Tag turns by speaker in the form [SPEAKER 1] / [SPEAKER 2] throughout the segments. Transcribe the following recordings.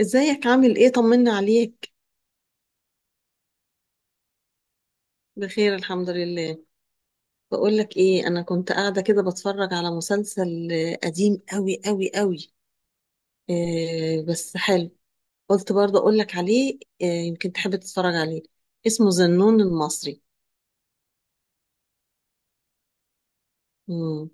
[SPEAKER 1] ازيك عامل ايه؟ طمنا عليك. بخير الحمد لله. بقول لك ايه، انا كنت قاعده كده بتفرج على مسلسل قديم قوي قوي قوي. إيه بس حلو. قلت برضه اقول لك عليه، إيه يمكن تحب تتفرج عليه. اسمه زنون المصري. امم.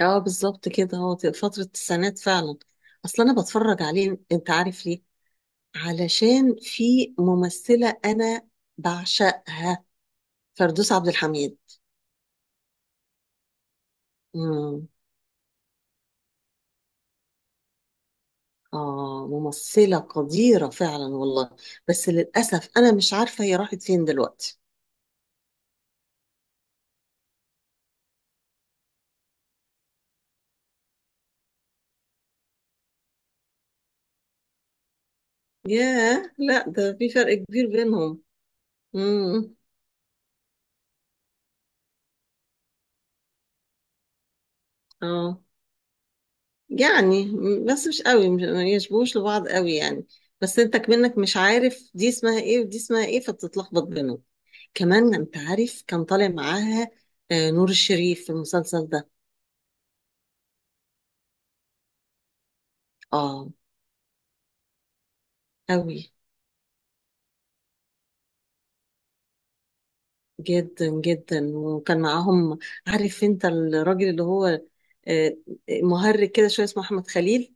[SPEAKER 1] اه، بالظبط كده هو في فتره التسعينات فعلا. اصل انا بتفرج عليه، انت عارف ليه؟ علشان في ممثله انا بعشقها. فردوس عبد الحميد. آه، ممثلة قديرة فعلا والله. بس للأسف أنا مش عارفة هي راحت فين دلوقتي. ياه، لا ده في فرق كبير بينهم. امم. اه، يعني بس مش قوي، مش ما يشبهوش لبعض قوي يعني. بس انتك منك مش عارف دي اسمها ايه ودي اسمها ايه، فبتتلخبط بينهم. كمان انت عارف كان طالع معاها نور الشريف في المسلسل ده. اه، قوي جدا جدا وكان معاهم. عارف انت الراجل اللي هو آه، مهرج كده شويه، اسمه احمد خليل.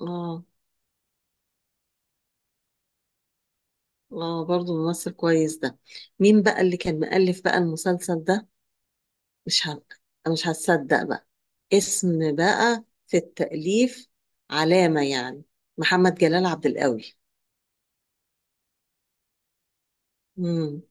[SPEAKER 1] اه، اه، برضه ممثل كويس ده. مين بقى اللي كان مؤلف بقى المسلسل ده؟ مش ه... مش هتصدق بقى. اسم بقى في التأليف، علامة يعني. محمد جلال عبد القوي. امم.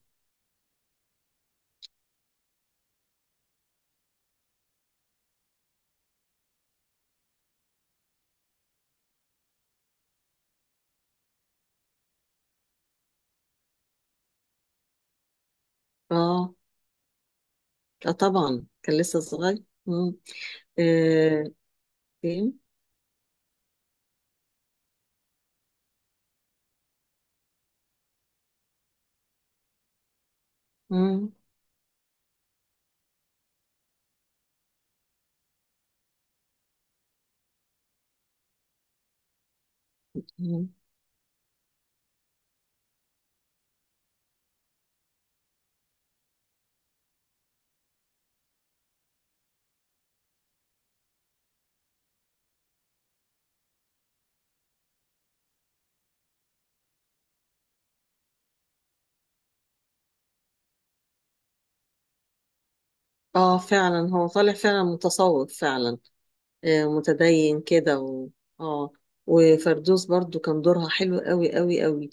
[SPEAKER 1] اه. آه، طبعا كان لسه صغير. امم. آه. إيه؟ مم. مم. اه، فعلا هو طالع فعلا متصوف فعلا. آه، متدين كده اه، وفردوس برضو كان دورها حلو قوي قوي قوي.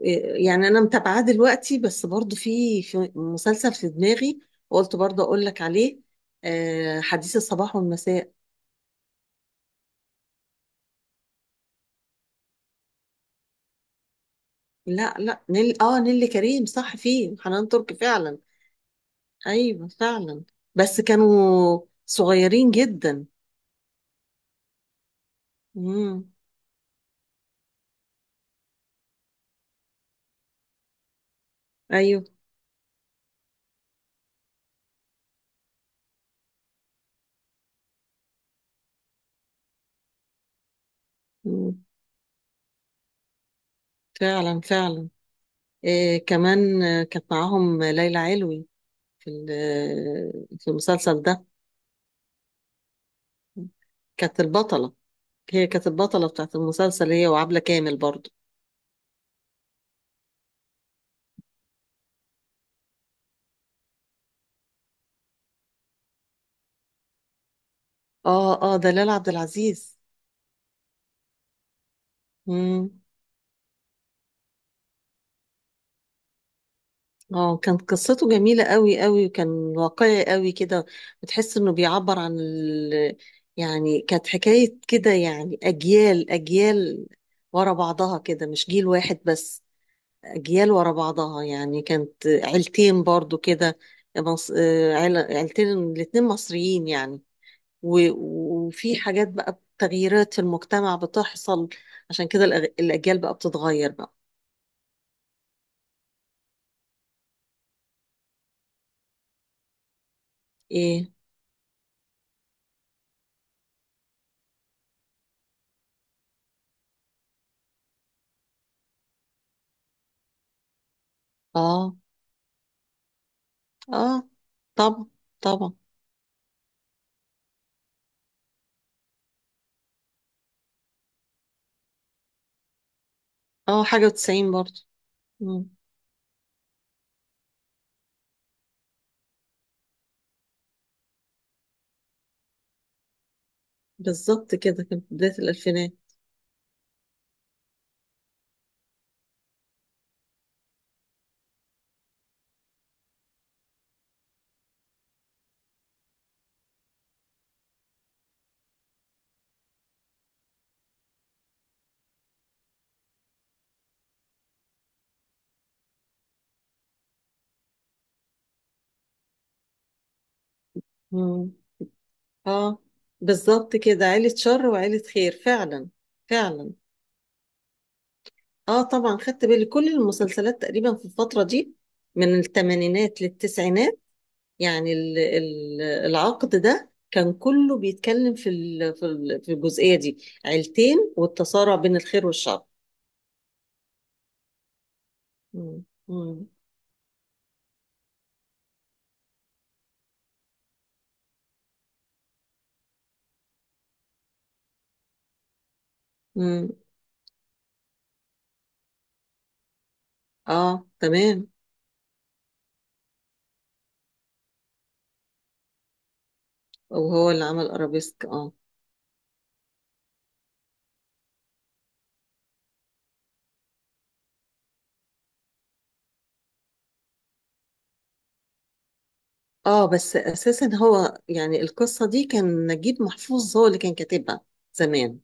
[SPEAKER 1] آه. يعني انا متابعاه دلوقتي بس برضو في مسلسل في دماغي. قلت برضو اقول لك عليه. آه، حديث الصباح والمساء. لا، لا، نيللي كريم صح، فيه حنان ترك فعلا. ايوه فعلا. بس كانوا صغيرين جدا. امم. ايوه. مم. فعلا فعلا. إيه كمان كانت معاهم ليلى علوي في ال- آه، في المسلسل ده. كانت البطلة. هي كانت البطلة بتاعت المسلسل، هي وعبلة كامل برضو. اه، اه، دلال عبد العزيز. مم. اه، كانت قصته جميلة قوي قوي وكان واقعي قوي كده. بتحس انه بيعبر عن يعني كانت حكاية كده، يعني اجيال اجيال ورا بعضها كده، مش جيل واحد بس. أجيال ورا بعضها، يعني كانت عيلتين برضو كده. عيلتين الاتنين مصريين يعني و... وفي حاجات بقى، تغييرات في المجتمع بتحصل. عشان كده الأجيال بقى بتتغير بقى. إيه. آه. آه، طبعا، طبعا. آه، حاجة وتسعين برضو. مم. بالظبط كده كانت بداية الألفينات. مم. آه، بالظبط كده عيلة شر وعيلة خير فعلا. فعلا. اه، طبعا خدت بالي كل المسلسلات تقريبا في الفترة دي، من الثمانينات للتسعينات. يعني العقد ده كان كله بيتكلم في الجزئية دي. عيلتين، والتصارع بين الخير والشر. مم. مم. مم. اه، تمام. وهو اللي عمل ارابيسك، اه. اه، بس اساسا هو يعني القصة دي كان نجيب محفوظ هو اللي كان كاتبها زمان.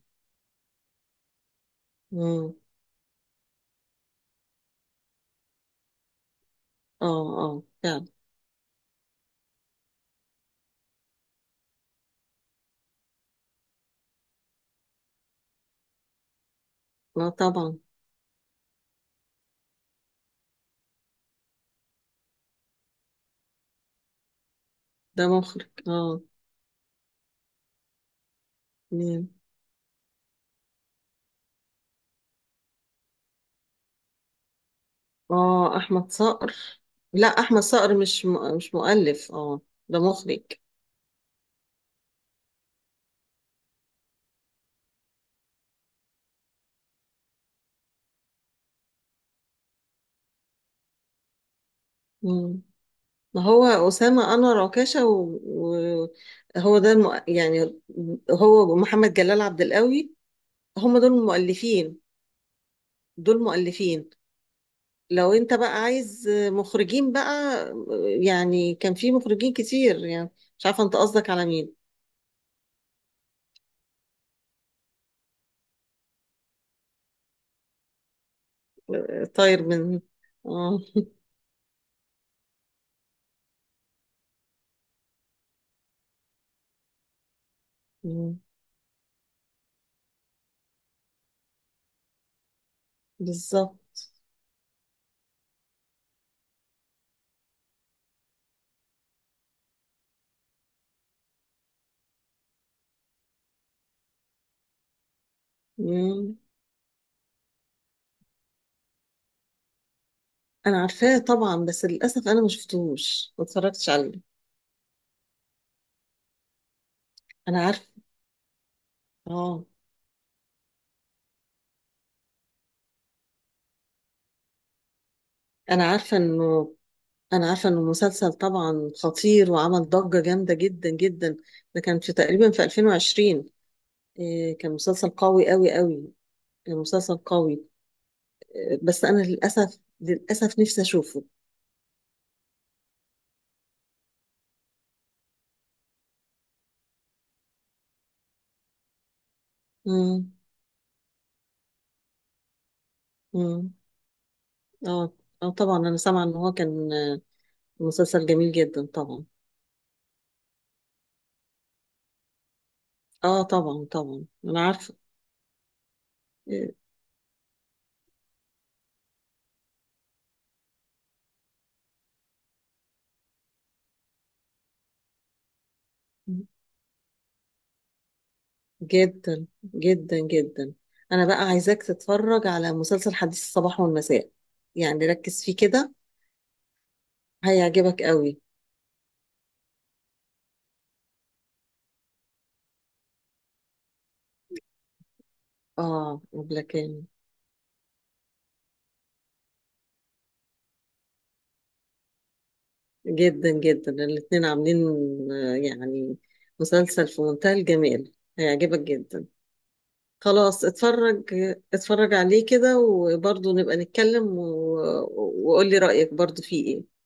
[SPEAKER 1] مم. اه، اه، فعلا. اه، طبعا. ده مخرج، اه. مم. اه، احمد صقر. لا، احمد صقر مش مؤلف، اه. ده مخرج. مم. ما هو أسامة أنور عكاشة، وهو و... و- هو ده يعني هو محمد جلال عبد القوي. هم دول المؤلفين. دول مؤلفين. لو انت بقى عايز مخرجين بقى، يعني كان في مخرجين كتير يعني، مش عارفة انت قصدك على مين. طاير من. اه. مم. بالظبط. انا عارفاه طبعا، بس للاسف انا ما شفتهوش، ما اتفرجتش عليه. انا عارفه. اه. انا عارفه انه انا عارفه انه مسلسل طبعا خطير، وعمل ضجه جامده جدا جدا. ده كان في تقريبا في 2020. إيه، كان مسلسل قوي قوي قوي. كان مسلسل قوي. إيه بس انا للاسف للاسف نفسي اشوفه. امم، امم. اه. اه، طبعا انا سامعه ان هو كان مسلسل جميل جدا طبعا. اه، طبعا، طبعا انا عارفه. إيه. جدا جدا جدا. انا بقى عايزاك تتفرج على مسلسل حديث الصباح والمساء، يعني ركز فيه كده، هيعجبك قوي. اه، قبل كان جدا جدا الاتنين عاملين يعني مسلسل في منتهى الجمال، هيعجبك جدا. خلاص اتفرج. اتفرج عليه كده وبرضه نبقى نتكلم وقول لي رأيك برضه فيه ايه.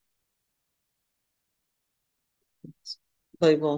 [SPEAKER 1] باي باي.